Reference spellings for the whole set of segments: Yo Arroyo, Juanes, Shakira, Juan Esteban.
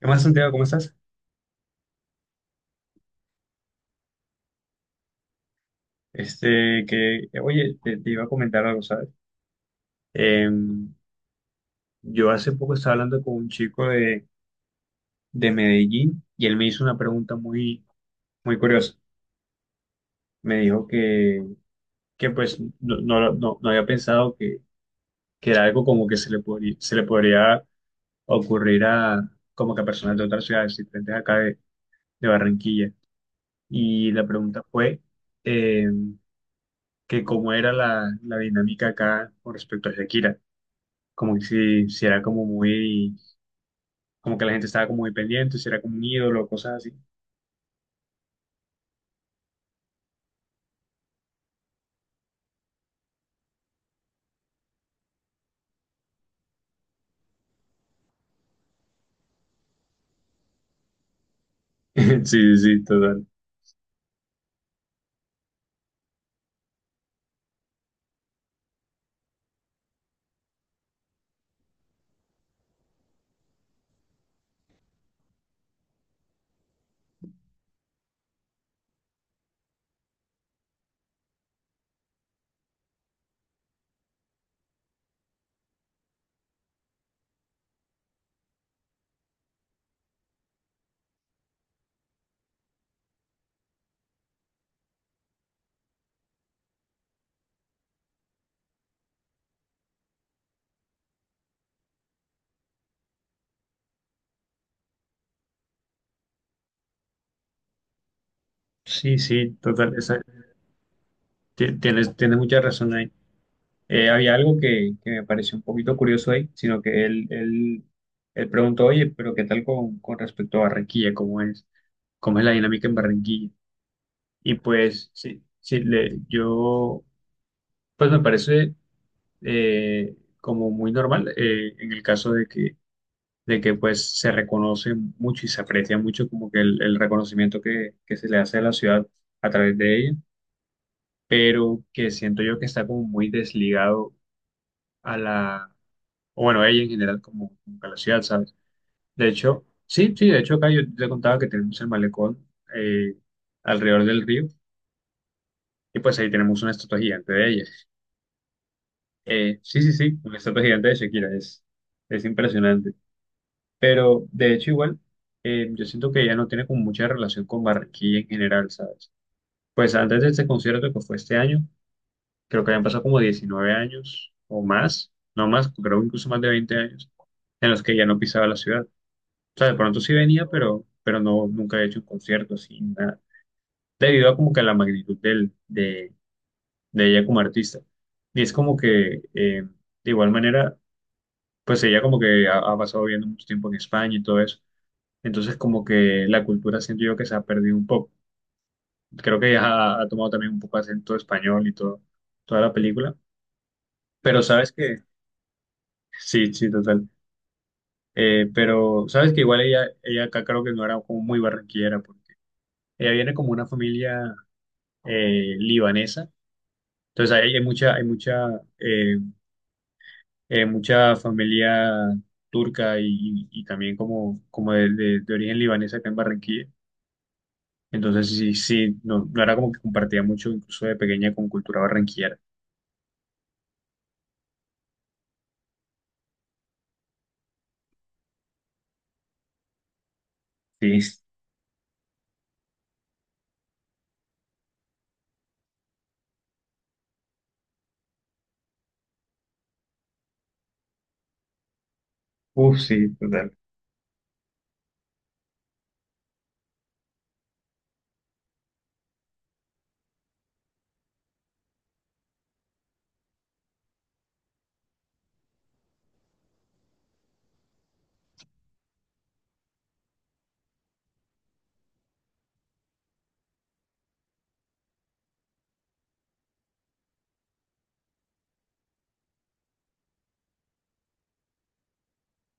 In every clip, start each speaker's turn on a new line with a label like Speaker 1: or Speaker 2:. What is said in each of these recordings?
Speaker 1: ¿Qué más, Santiago? ¿Cómo estás? Oye, te iba a comentar algo, ¿sabes? Em, yo hace poco estaba hablando con un chico de Medellín y él me hizo una pregunta muy curiosa. Me dijo que pues, no, no, no, no había pensado que era algo como que se le podría ocurrir a, como que a personas de otras ciudades diferentes acá de Barranquilla. Y la pregunta fue, em, que cómo era la dinámica acá con respecto a Shakira. Como que si era como muy, como que la gente estaba como muy pendiente, si era como un ídolo, cosas así. Sí, sí, sí, total. Sí, sí, total. Tienes mucha razón ahí. Había algo que me pareció un poquito curioso ahí, sino que él preguntó, oye, pero ¿qué tal con respecto a Barranquilla? ¿Cómo es? ¿Cómo es la dinámica en Barranquilla? Y pues, sí, sí, pues me parece eh, como muy normal, en el caso de que pues se reconoce mucho y se aprecia mucho como que el reconocimiento que se le hace a la ciudad a través de ella, pero que siento yo que está como muy desligado a o bueno, a ella en general como, como a la ciudad, ¿sabes? De hecho, sí, sí, de hecho acá yo te contaba que tenemos el malecón, eh, alrededor del río, y pues ahí tenemos una estatua gigante de ella. Sí, sí, sí, una estatua gigante de Shakira, es impresionante. Pero de hecho igual, yo siento que ya no tiene como mucha relación con Barranquilla en general, ¿sabes? Pues antes de este concierto que fue este año, creo que habían pasado como 19 años o más, no más, creo incluso más de 20 años, en los que ya no pisaba la ciudad. O sea, de pronto sí venía, pero no, nunca he hecho un concierto así, nada. Debido a como que a la magnitud de ella como artista. Y es como que, de igual manera, pues ella como que ha pasado viviendo mucho tiempo en España y todo eso. Entonces, como que la cultura siento yo que se ha perdido un poco. Creo que ya ha tomado también un poco acento español y todo, toda la película. Pero sabes que, sí, sí, total. Pero sabes que igual ella acá creo que no era como muy barranquillera, porque ella viene como una familia libanesa. Entonces, ahí hay mucha, eh, mucha familia turca y, y también como, como de origen libanés acá en Barranquilla. Entonces, sí, sí, no, no era como que compartía mucho, incluso de pequeña, con cultura barranquillera. Sí, uff, sí, total.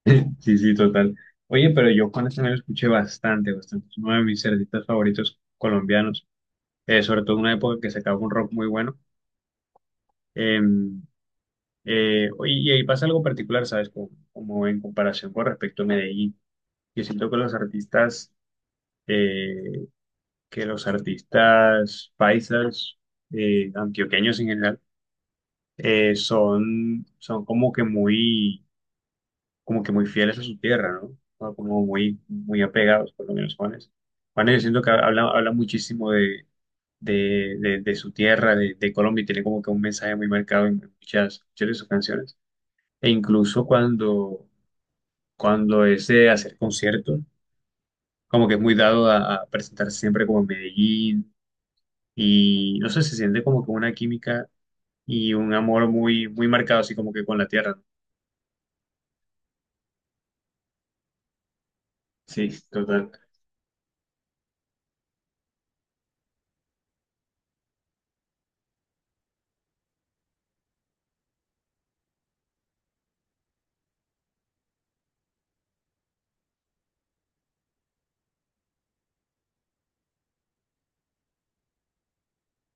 Speaker 1: Sí, sí, total. Oye, pero yo Juan Esteban lo escuché bastante, bastante. Es uno de mis artistas favoritos colombianos, sobre todo en una época que sacaba un rock muy bueno. Eh, Oye, y ahí pasa algo particular, ¿sabes? Como, como en comparación con respecto a Medellín. Yo siento eh, que los artistas paisas, antioqueños en general, son como que muy fieles a su tierra, ¿no? O como muy, muy apegados, por lo menos Juanes. Juanes, yo siento que habla, habla muchísimo de su tierra, de Colombia, y tiene como que un mensaje muy marcado en muchas, muchas de sus canciones. E incluso cuando es de hacer conciertos, como que es muy dado a presentarse siempre como en Medellín, y no sé, se siente como que una química y un amor muy, muy marcado, así como que con la tierra, ¿no? Sí, total.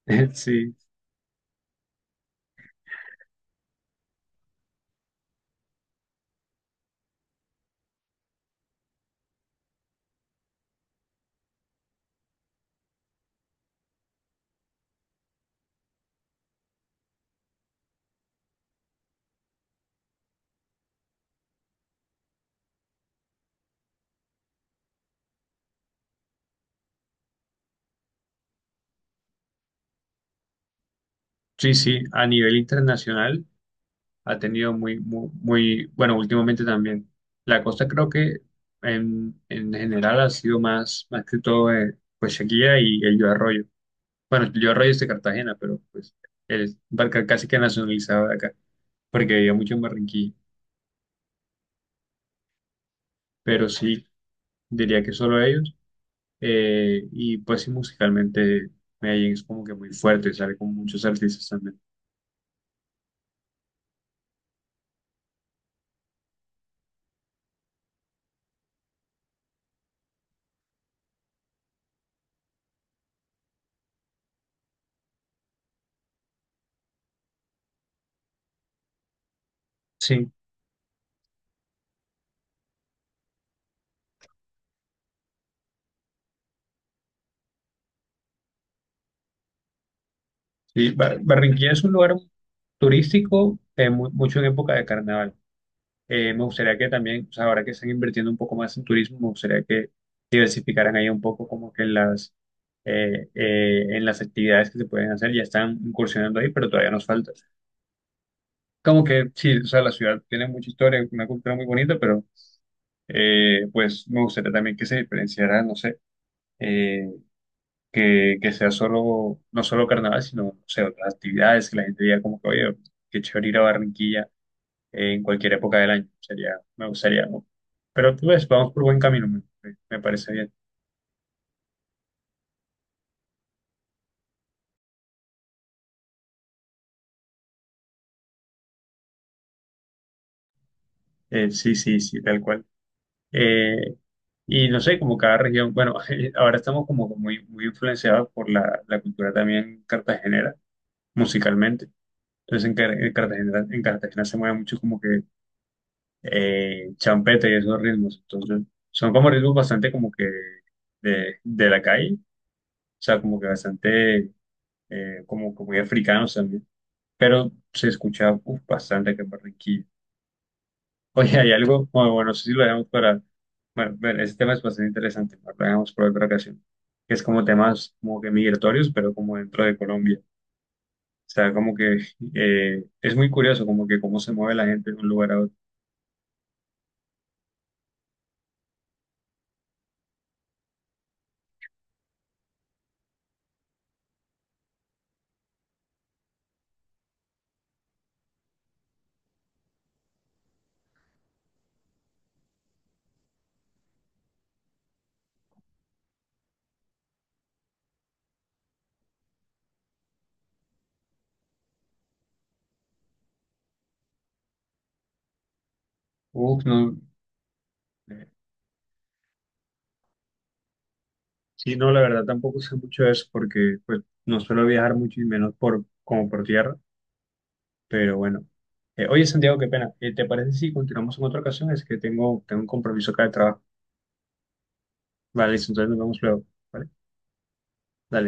Speaker 1: Sí, sí, sí, a nivel internacional ha tenido muy, muy, muy, bueno, últimamente también. La cosa creo que en general ha sido más, más que todo, pues Shakira y el Yo Arroyo. Bueno, el Yo Arroyo es de Cartagena, pero pues él barca casi que nacionalizado de acá, porque vivía mucho en Barranquilla. Pero sí, diría que solo ellos. Eh, y pues sí, musicalmente Medellín es como que muy fuerte, sale con muchos artistas también. Sí. Sí, Barranquilla es un lugar turístico, mucho en época de carnaval. Me gustaría que también, o sea, ahora que están invirtiendo un poco más en turismo, me gustaría que diversificaran ahí un poco como que en las actividades que se pueden hacer. Ya están incursionando ahí, pero todavía nos falta. Como que sí, o sea, la ciudad tiene mucha historia, una cultura muy bonita, pero pues me gustaría también que se diferenciara, no sé. eh, que sea solo, no solo carnaval, sino, o sea, otras actividades, que la gente diga como que, oye, qué chévere ir a Barranquilla en cualquier época del año, sería, me gustaría, ¿no? Pero tú ves, vamos por buen camino, me parece bien. Sí, sí, sí, tal cual. Eh, y no sé, como cada región, bueno, ahora estamos como que muy, muy influenciados por la cultura también cartagenera, musicalmente. Entonces en en Cartagena se mueve mucho como que champeta y esos ritmos. Entonces, son como ritmos bastante como que de la calle, o sea, como que bastante como, como muy africanos también, pero se escucha uf, bastante que en Barranquilla. Oye, hay algo, no sé si lo dejamos para, bueno, bueno, ese tema es bastante interesante, lo dejamos para otra ocasión, que es como temas como que migratorios, pero como dentro de Colombia. O sea, como que es muy curioso, como que cómo se mueve la gente de un lugar a otro. Uf, no. Sí, no, la verdad tampoco sé mucho de eso porque pues no suelo viajar mucho y menos por como por tierra, pero bueno. Oye, Santiago, qué pena. ¿Te parece si continuamos en otra ocasión? Es que tengo un compromiso acá de trabajo. Vale, listo, entonces nos vemos luego. Vale, dale.